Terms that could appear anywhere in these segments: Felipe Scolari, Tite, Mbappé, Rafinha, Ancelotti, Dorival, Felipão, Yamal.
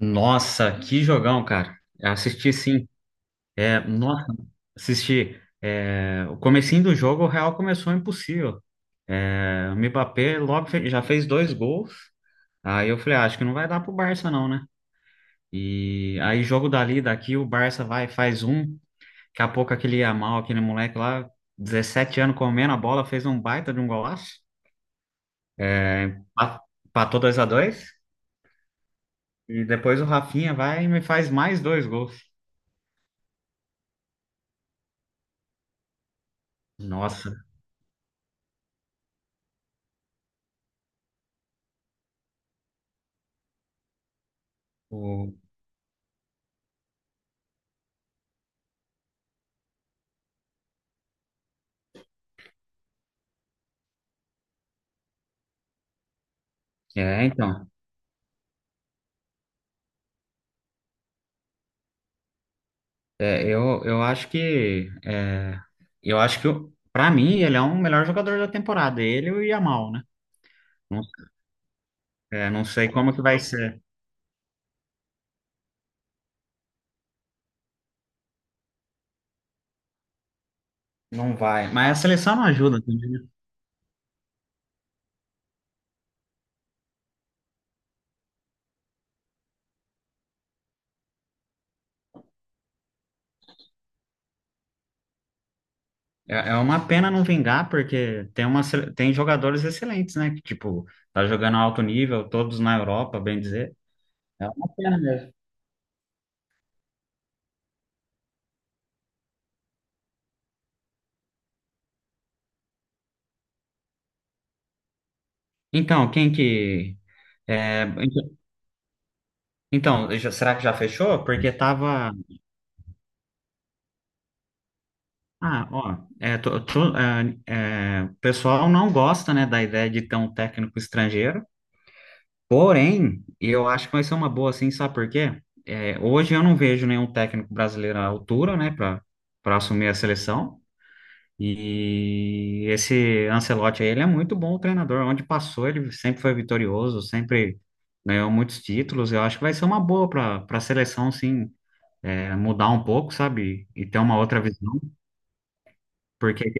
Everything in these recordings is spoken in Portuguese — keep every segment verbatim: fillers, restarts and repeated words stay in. Nossa, que jogão, cara. Assisti sim. É, nossa, assisti. É, o comecinho do jogo, o Real começou impossível. É, o Mbappé logo fe- já fez dois gols. Aí eu falei, ah, acho que não vai dar pro Barça não, né? E aí jogo dali, daqui, o Barça vai, faz um. Daqui a pouco aquele Yamal, aquele moleque lá, dezessete anos comendo a bola, fez um baita de um golaço. Pa- Empatou dois a dois. E depois o Rafinha vai e me faz mais dois gols. Nossa, o... É, então. É, eu, eu acho que é, eu acho que para mim ele é um melhor jogador da temporada, ele e o Yamal, né? Não, é, não sei como que vai ser, não vai. Mas a seleção não ajuda também, né? É, é uma pena não vingar porque tem uma sele- tem jogadores excelentes, né? Que tipo tá jogando alto nível, todos na Europa, bem dizer. É uma pena mesmo. Então, quem que é, então, então, já- será que já fechou? Porque tava. Ah, ó, é, tô- tô, é, é, o pessoal não gosta, né, da ideia de ter um técnico estrangeiro, porém, eu acho que vai ser uma boa, assim, sabe por quê? É, hoje eu não vejo nenhum técnico brasileiro à altura, né, para para assumir a seleção, e esse Ancelotti aí, ele é muito bom treinador, onde passou ele sempre foi vitorioso, sempre ganhou muitos títulos, eu acho que vai ser uma boa para para a seleção, sim, é, mudar um pouco, sabe, e ter uma outra visão, porque,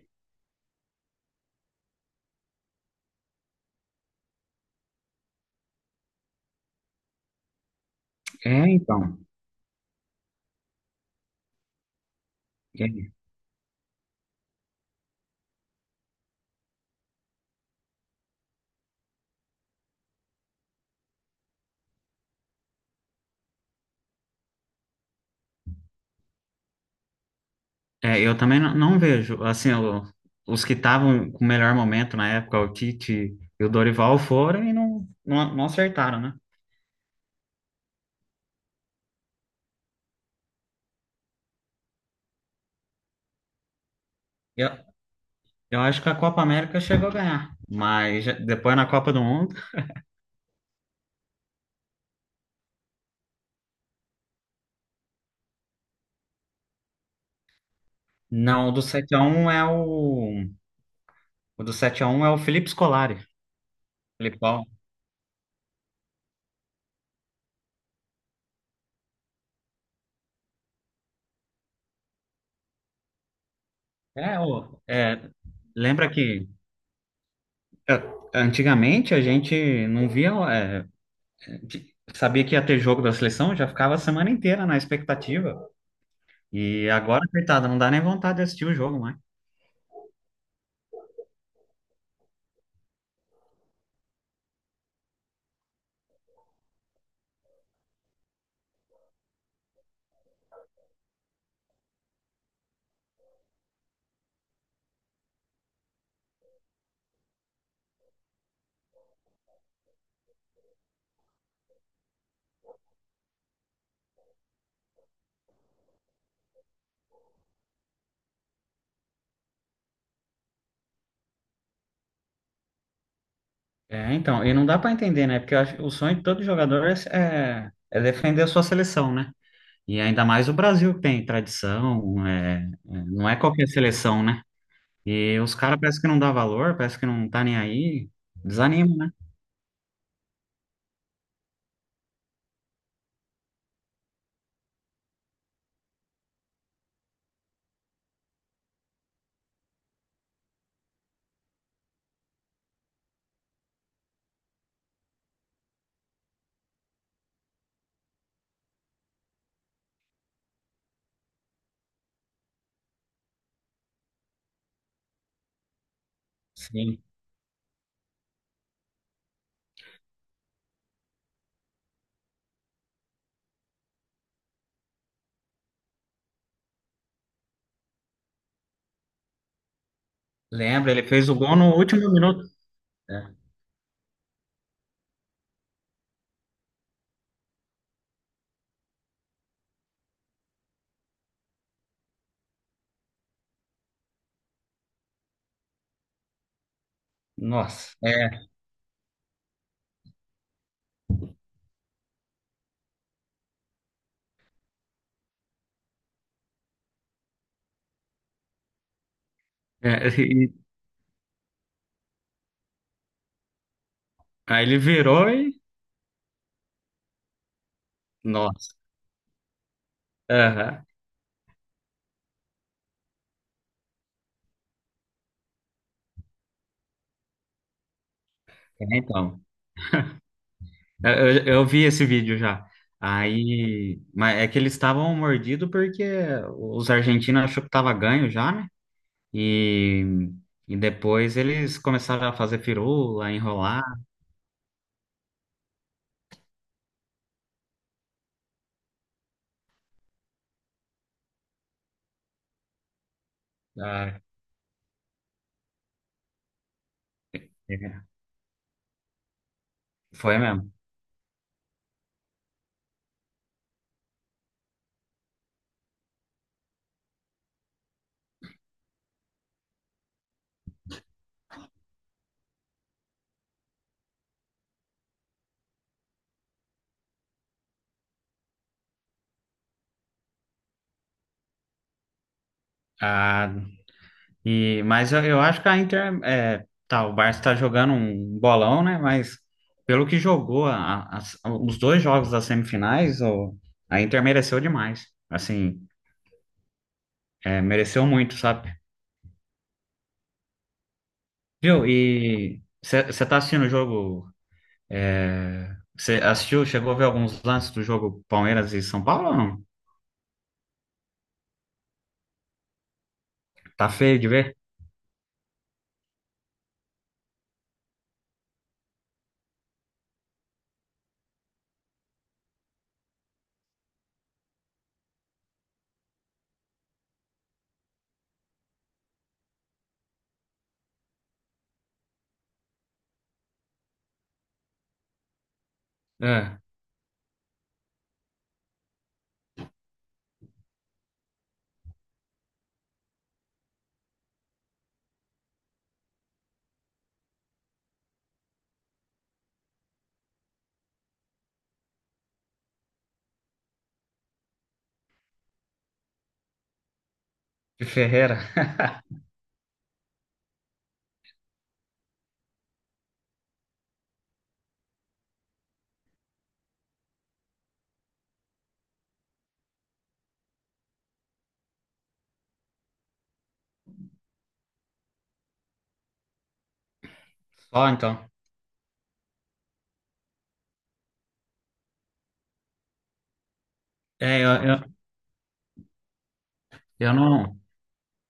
é, então... é É, eu também não, não vejo. Assim, o- os que estavam com o melhor momento na época, o Tite e o Dorival, foram e não, não, não acertaram, né? Eu, eu acho que a Copa América chegou a ganhar, mas já- depois na Copa do Mundo. Não, o do sete a um é o. O do sete a um é o Felipe Scolari. Felipão. É, o, é, lembra que é, antigamente a gente não via. É, de- sabia que ia ter jogo da seleção, já ficava a semana inteira na expectativa. E agora, coitada, não dá nem vontade de assistir o jogo, né? É, então, e não dá pra entender, né? Porque eu acho, que o sonho de todo jogador é, é- é defender a sua seleção, né? E ainda mais o Brasil que tem tradição, é- é, não é qualquer seleção, né? E os caras parece que não dá valor, parece que não tá nem aí, desanima, né? Sim. Lembra, ele fez o gol no último minuto. É. Nossa. É, é, e- Aí ele virou e. Nossa. Aham. É, então. Eu, eu eu vi esse vídeo já. Aí, mas é que eles estavam mordidos porque os argentinos achou que tava ganho já, né? E, e depois eles começaram a fazer firula, enrolar. Ah, é. Foi mesmo. Ah, e, mas eu, eu acho que a Inter, é, tá, o Barça tá jogando um bolão, né? Mas pelo que jogou a- as- os dois jogos das semifinais, o- a Inter mereceu demais. Assim, é, mereceu muito, sabe? Viu? E você tá assistindo o jogo? Você assistiu? Chegou a ver alguns lances do jogo Palmeiras e São Paulo ou não? Tá feio de ver? É, de Ferreira. Só então. É, eu, eu, eu não,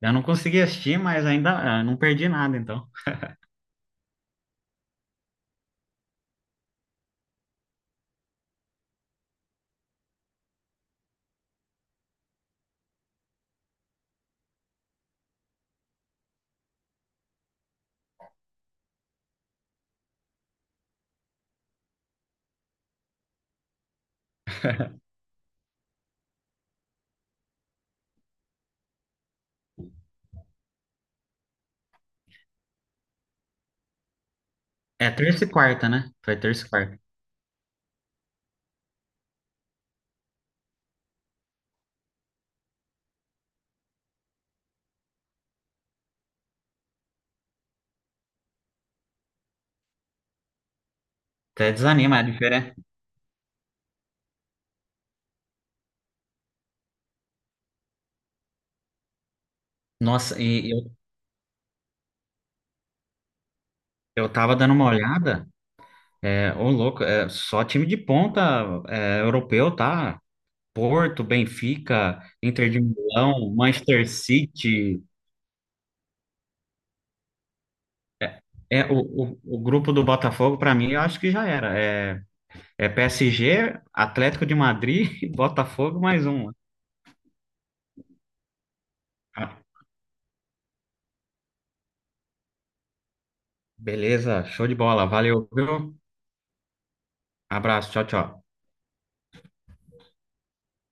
eu não consegui assistir, mas ainda eh, não perdi nada, então. É terça e quarta, né? Foi terça e quarta. Até desanima a diferença. Nossa, e eu, eu tava dando uma olhada. É, ô louco, é, só time de ponta é, europeu, tá? Porto, Benfica, Inter de Milão, Manchester City. É, o, o, o grupo do Botafogo, para mim, eu acho que já era. É, é P S G, Atlético de Madrid, e Botafogo, mais um. Ah, beleza, show de bola. Valeu, viu? Abraço, tchau, tchau.